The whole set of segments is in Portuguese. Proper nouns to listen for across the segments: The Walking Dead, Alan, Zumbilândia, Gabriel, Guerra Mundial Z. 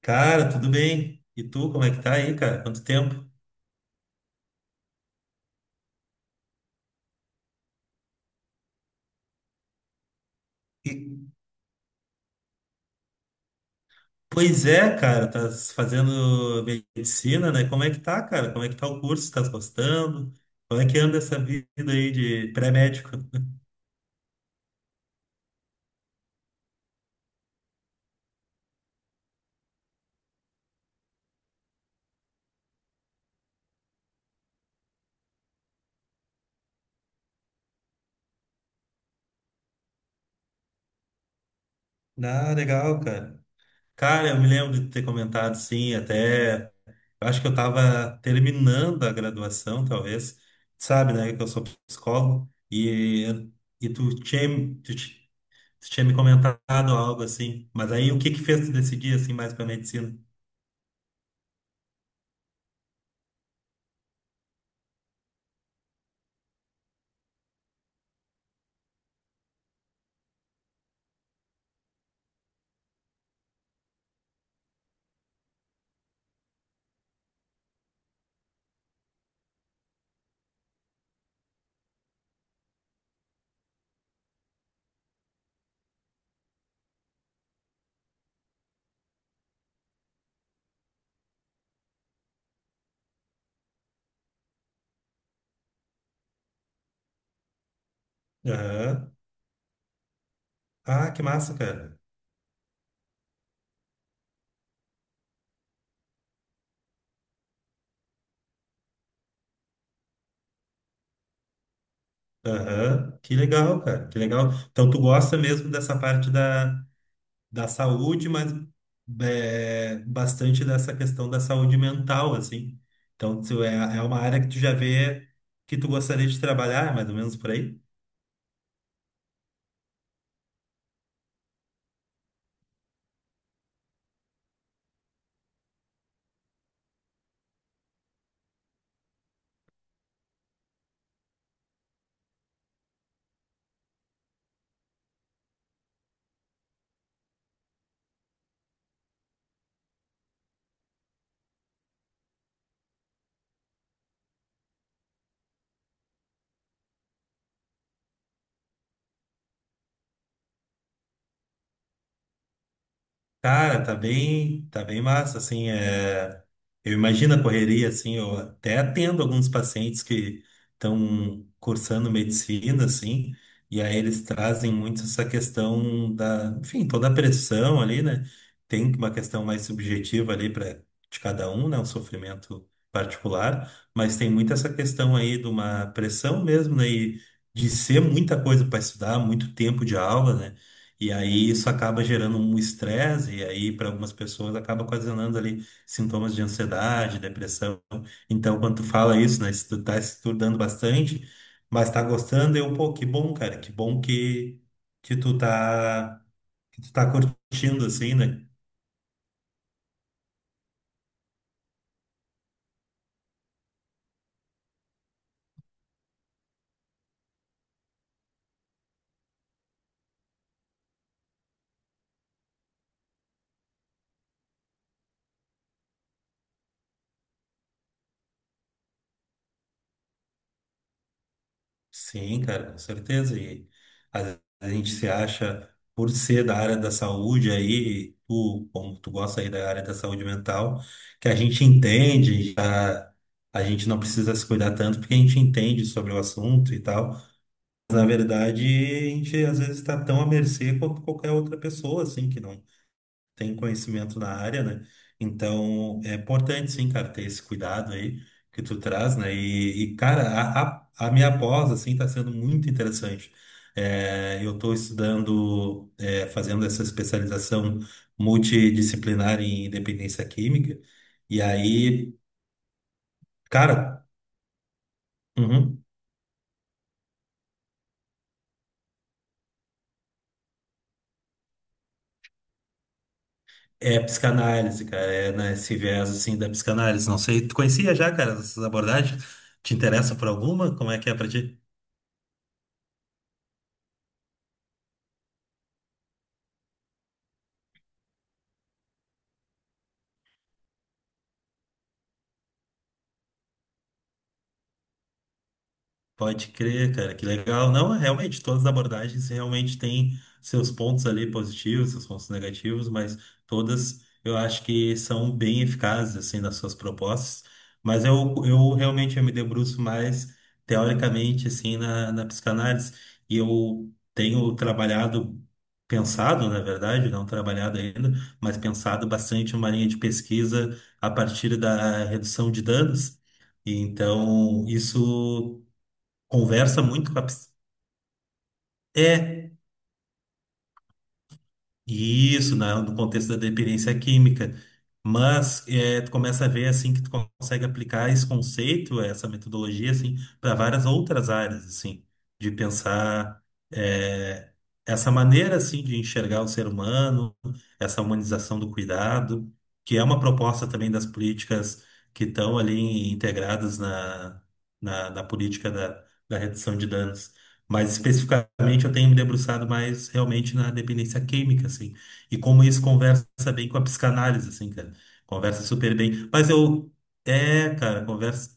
Cara, tudo bem? E tu, como é que tá aí, cara? Quanto tempo? E- Pois é, cara, tá fazendo medicina, né? Como é que tá, cara? Como é que tá o curso? Tá gostando? Como é que anda essa vida aí de pré-médico? Ah, legal, cara. Cara, eu me lembro de ter comentado, sim, até. Eu Acho que eu tava terminando a graduação, talvez. Sabe, né? Que eu sou psicólogo. E você tinha me comentado algo assim. Mas aí o que que fez tu decidir assim mais para medicina? Aham. Ah, que massa, cara. Aham. Que legal, cara. Que legal. Então tu gosta mesmo dessa parte da saúde, mas é, bastante dessa questão da saúde mental, assim. Então é uma área que tu já vê que tu gostaria de trabalhar, mais ou menos por aí? Cara, tá bem massa, assim, eu imagino a correria, assim, eu até atendo alguns pacientes que estão cursando medicina, assim, e aí eles trazem muito essa questão da, enfim, toda a pressão ali, né? Tem uma questão mais subjetiva ali para de cada um, né? Um sofrimento particular, mas tem muito essa questão aí de uma pressão mesmo, né? E de ser muita coisa para estudar, muito tempo de aula, né? E aí isso acaba gerando um estresse, e aí para algumas pessoas acaba ocasionando ali sintomas de ansiedade, depressão. Então, quando tu fala isso, né, se tu tá estudando bastante, mas tá gostando, eu, pô, que bom, cara, que bom que tu tá, que tu tá curtindo, assim, né? Sim, cara, com certeza. E às vezes a gente se acha, por ser da área da saúde aí, tu, como tu gosta aí da área da saúde mental, que a gente entende, já, a gente não precisa se cuidar tanto porque a gente entende sobre o assunto e tal. Mas, na verdade, a gente às vezes está tão à mercê quanto qualquer outra pessoa, assim, que não tem conhecimento na área, né? Então, é importante, sim, cara, ter esse cuidado aí que tu traz, né? A minha pós, assim, tá sendo muito interessante. É, eu tô estudando, é, fazendo essa especialização multidisciplinar em dependência química, e aí, cara, uhum, é psicanálise, cara, é nesse viés, assim, da psicanálise. Não sei, tu conhecia já, cara, essas abordagens? Te interessa por alguma? Como é que é pra ti? Pode crer, cara, que legal. Não, realmente, todas as abordagens realmente têm seus pontos ali positivos, seus pontos negativos, mas todas eu acho que são bem eficazes, assim, nas suas propostas. Eu realmente eu me debruço mais teoricamente, assim, na psicanálise. E eu tenho trabalhado, pensado, na verdade, não trabalhado ainda, mas pensado bastante uma linha de pesquisa a partir da redução de danos. Então, isso conversa muito com a... É, isso, na, no contexto da dependência química. Mas é, tu começa a ver assim que tu consegue aplicar esse conceito, essa metodologia assim, para várias outras áreas assim, de pensar é, essa maneira assim de enxergar o ser humano, essa humanização do cuidado, que é uma proposta também das políticas que estão ali integradas na política da redução de danos. Mas especificamente eu tenho me debruçado mais realmente na dependência química, assim. E como isso conversa bem com a psicanálise, assim, cara. Conversa super bem. Mas eu. É, cara, conversa.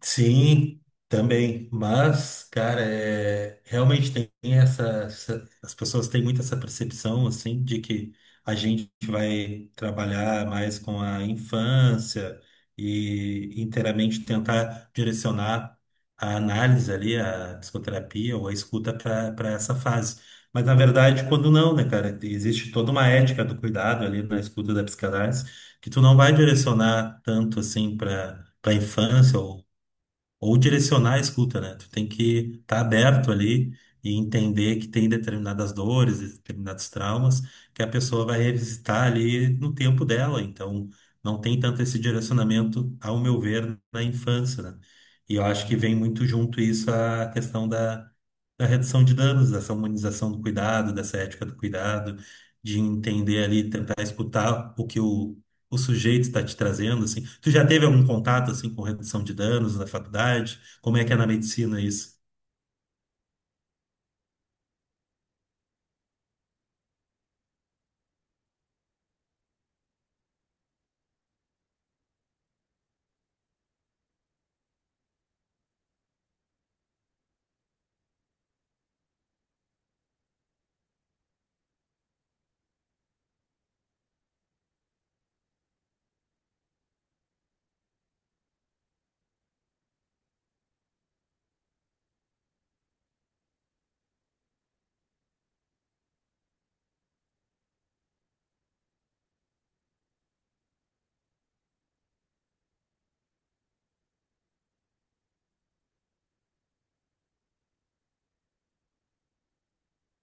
Sim, também. Mas, cara, é, realmente tem essa- as pessoas têm muito essa percepção, assim, de que a gente vai trabalhar mais com a infância e inteiramente tentar direcionar a análise ali, a psicoterapia ou a escuta para essa fase. Mas, na verdade, quando não, né, cara? Existe toda uma ética do cuidado ali na escuta da psicanálise que tu não vai direcionar tanto, assim, para. Para infância ou direcionar a escuta, né? Tu tem que estar aberto ali e entender que tem determinadas dores, determinados traumas que a pessoa vai revisitar ali no tempo dela. Então, não tem tanto esse direcionamento, ao meu ver, na infância, né? E eu acho que vem muito junto isso a questão da redução de danos, dessa humanização do cuidado, dessa ética do cuidado, de entender ali, tentar escutar o que o sujeito está te trazendo, assim? Tu já teve algum contato, assim, com redução de danos na faculdade? Como é que é na medicina isso?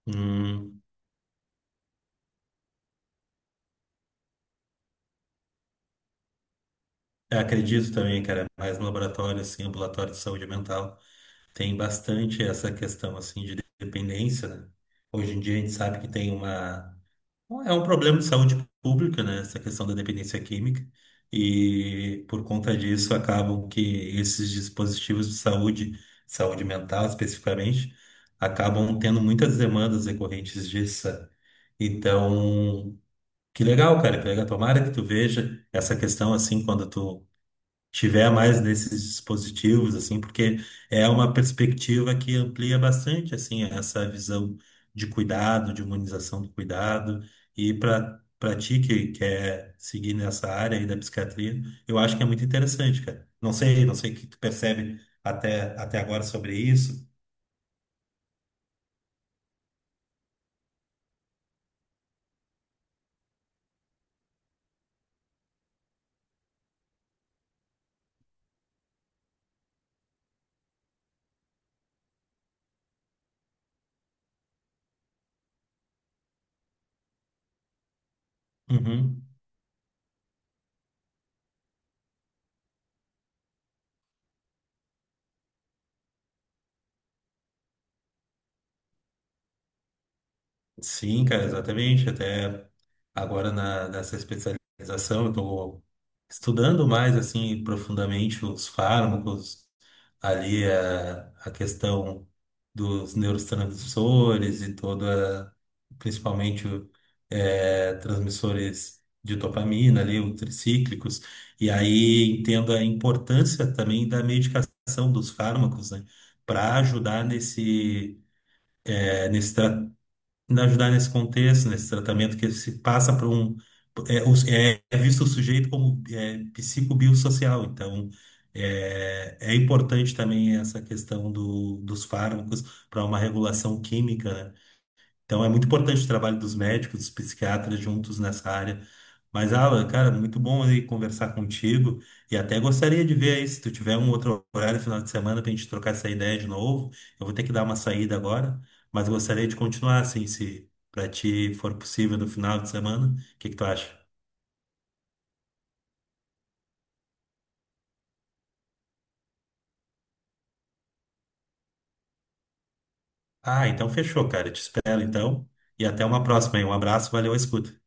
Hum, eu acredito também, cara, mais no laboratório, assim, ambulatório de saúde mental, tem bastante essa questão, assim, de dependência, né? Hoje em dia a gente sabe que tem uma é um problema de saúde pública, né? Essa questão da dependência química. E por conta disso, acabam que esses dispositivos de saúde, saúde mental especificamente, acabam tendo muitas demandas decorrentes disso. Sabe? Então, que legal, cara, que legal. Tomara que tu veja essa questão assim quando tu tiver mais desses dispositivos, assim, porque é uma perspectiva que amplia bastante, assim, essa visão de cuidado, de humanização do cuidado, e para ti que quer seguir nessa área aí da psiquiatria, eu acho que é muito interessante, cara. Não sei, não sei o que tu percebe até agora sobre isso. Uhum. Sim, cara, exatamente. Até agora nessa especialização, eu estou estudando mais assim profundamente os fármacos, ali é a questão dos neurotransmissores e toda, principalmente transmissores de dopamina ali, os tricíclicos, e aí entendo a importância também da medicação dos fármacos, né, para ajudar nesse nesse tratamento nos ajudar nesse contexto, nesse tratamento que se passa por um. É visto o sujeito como é, psicobiosocial, então é, é importante também essa questão dos fármacos para uma regulação química, né? Então é muito importante o trabalho dos médicos, dos psiquiatras juntos nessa área. Mas, Alan, cara, muito bom aí conversar contigo e até gostaria de ver aí se tu tiver um outro horário final de semana pra gente trocar essa ideia de novo. Eu vou ter que dar uma saída agora, mas gostaria de continuar assim, se pra ti for possível no final de semana. O que que tu acha? Ah, então fechou, cara. Eu te espero então e até uma próxima aí. Um abraço, valeu a escuta.